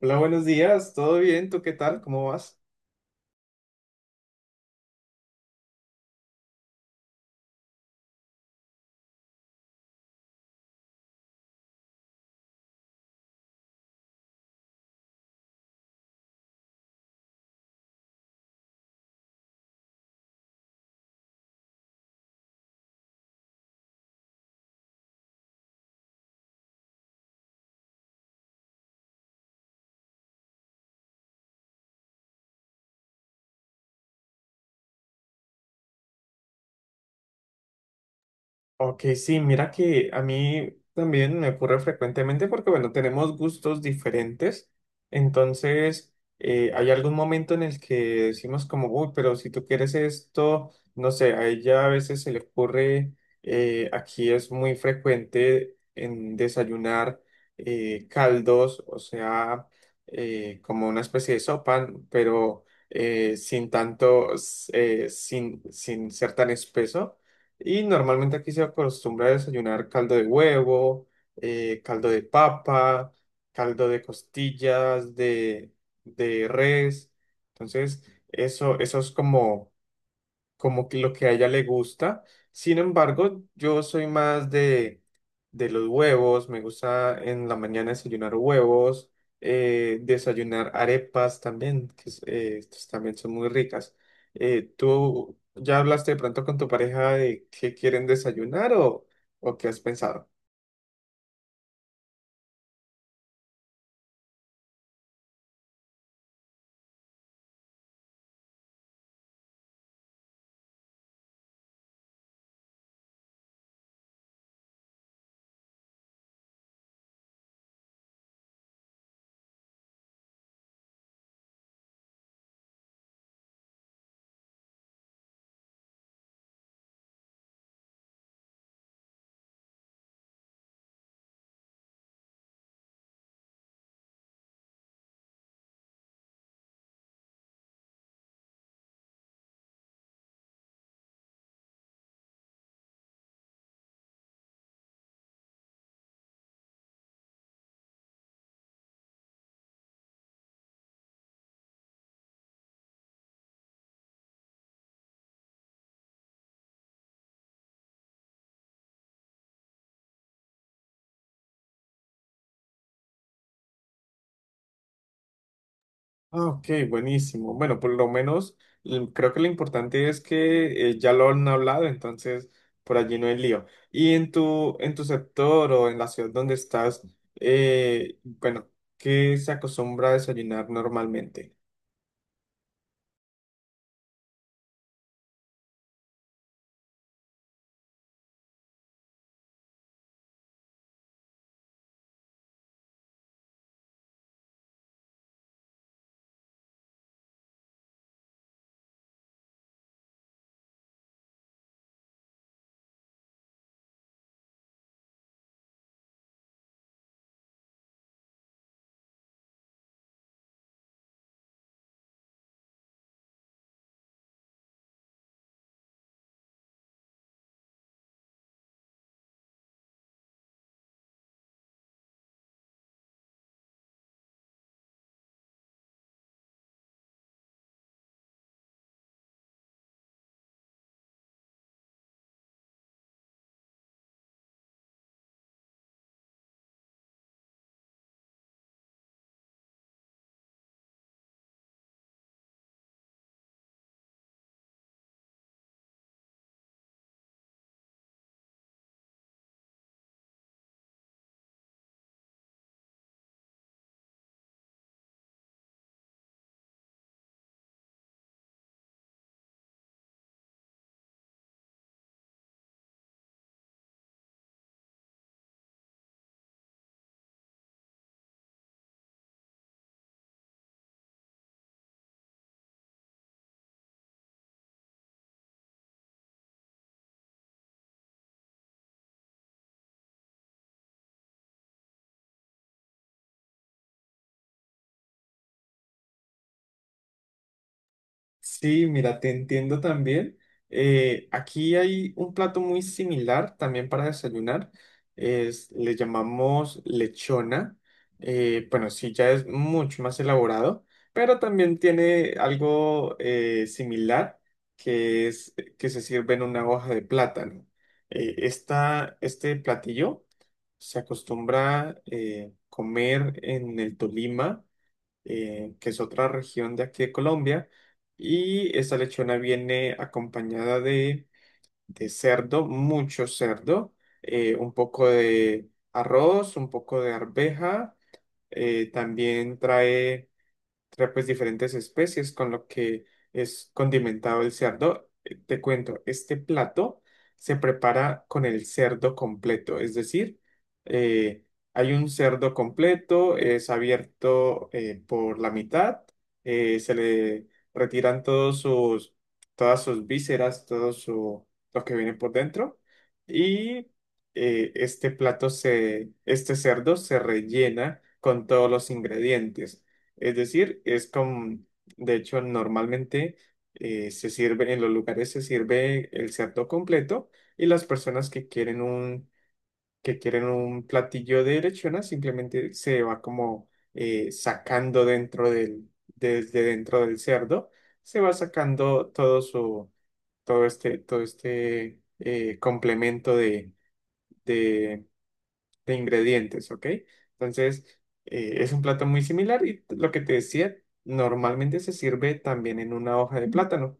Hola, buenos días, ¿todo bien? ¿Tú qué tal? ¿Cómo vas? Ok, sí, mira que a mí también me ocurre frecuentemente porque, bueno, tenemos gustos diferentes. Entonces, hay algún momento en el que decimos como, uy, pero si tú quieres esto, no sé, a ella a veces se le ocurre, aquí es muy frecuente en desayunar caldos, o sea, como una especie de sopa, pero sin tanto, sin ser tan espeso. Y normalmente aquí se acostumbra a desayunar caldo de huevo, caldo de papa, caldo de costillas, de res. Entonces, eso es como como que lo que a ella le gusta. Sin embargo, yo soy más de los huevos, me gusta en la mañana desayunar huevos, desayunar arepas también, estas también son muy ricas. ¿Tú ya hablaste de pronto con tu pareja de qué quieren desayunar o qué has pensado? Ah, ok, buenísimo. Bueno, por lo menos creo que lo importante es que ya lo han hablado, entonces por allí no hay lío. Y en tu sector o en la ciudad donde estás, bueno, ¿qué se acostumbra a desayunar normalmente? Sí, mira, te entiendo también. Aquí hay un plato muy similar también para desayunar. Es, le llamamos lechona. Bueno, sí, ya es mucho más elaborado, pero también tiene algo similar que es que se sirve en una hoja de plátano. Este platillo se acostumbra comer en el Tolima, que es otra región de aquí de Colombia. Y esa lechona viene acompañada de cerdo, mucho cerdo, un poco de arroz, un poco de arveja, también trae pues diferentes especies con lo que es condimentado el cerdo. Te cuento, este plato se prepara con el cerdo completo, es decir, eh, hay un cerdo completo, es abierto por la mitad, se le retiran todos sus, todas sus vísceras, todo su, lo que viene por dentro y este plato se, este cerdo se rellena con todos los ingredientes. Es decir, es como, de hecho, normalmente se sirve, en los lugares se sirve el cerdo completo y las personas que quieren un platillo de lechona simplemente se va como sacando dentro del, desde dentro del cerdo, se va sacando todo su, todo este, todo este complemento de, de ingredientes, ¿ok? Entonces, es un plato muy similar y lo que te decía, normalmente se sirve también en una hoja de plátano.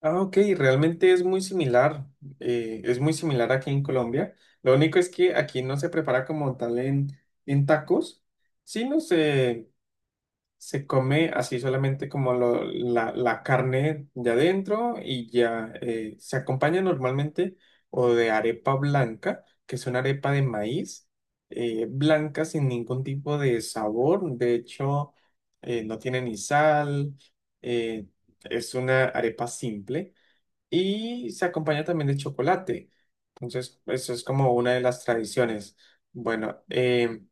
Ah, ok, realmente es muy similar aquí en Colombia. Lo único es que aquí no se prepara como tal en tacos, sino se, se come así solamente como la, la carne de adentro y ya, se acompaña normalmente o de arepa blanca, que es una arepa de maíz blanca sin ningún tipo de sabor. De hecho, no tiene ni sal, eh, es una arepa simple y se acompaña también de chocolate. Entonces, eso es como una de las tradiciones. Bueno,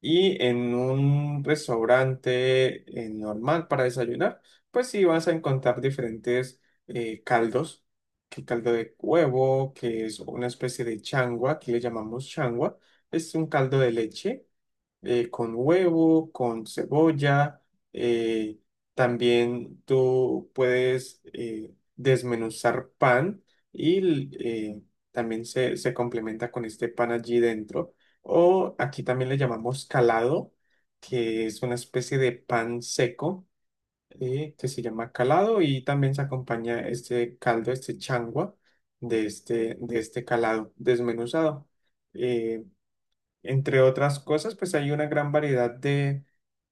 y en un restaurante normal para desayunar, pues sí vas a encontrar diferentes caldos, que caldo de huevo, que es una especie de changua, aquí le llamamos changua, es un caldo de leche con huevo, con cebolla. eh, También tú puedes desmenuzar pan y también se complementa con este pan allí dentro. O aquí también le llamamos calado, que es una especie de pan seco que se llama calado y también se acompaña este caldo, este changua de este calado desmenuzado. Eh, Entre otras cosas, pues hay una gran variedad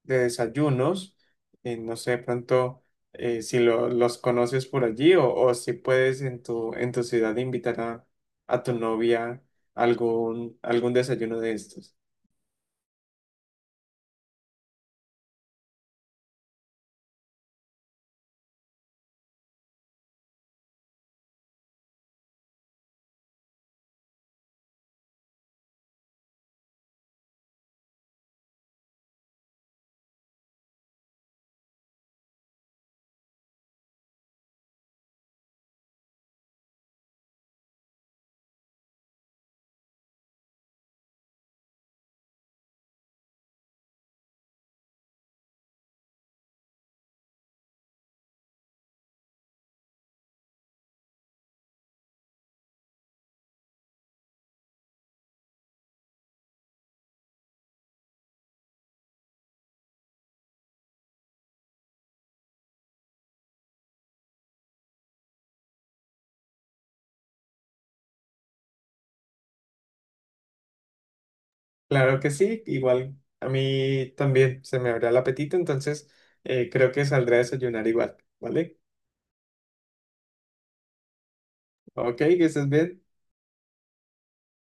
de desayunos. No sé, de pronto si los conoces por allí o si puedes en tu ciudad invitar a tu novia a algún, algún desayuno de estos. Claro que sí, igual a mí también se me abrirá el apetito, entonces creo que saldré a desayunar igual, ¿vale? Ok, que estés bien.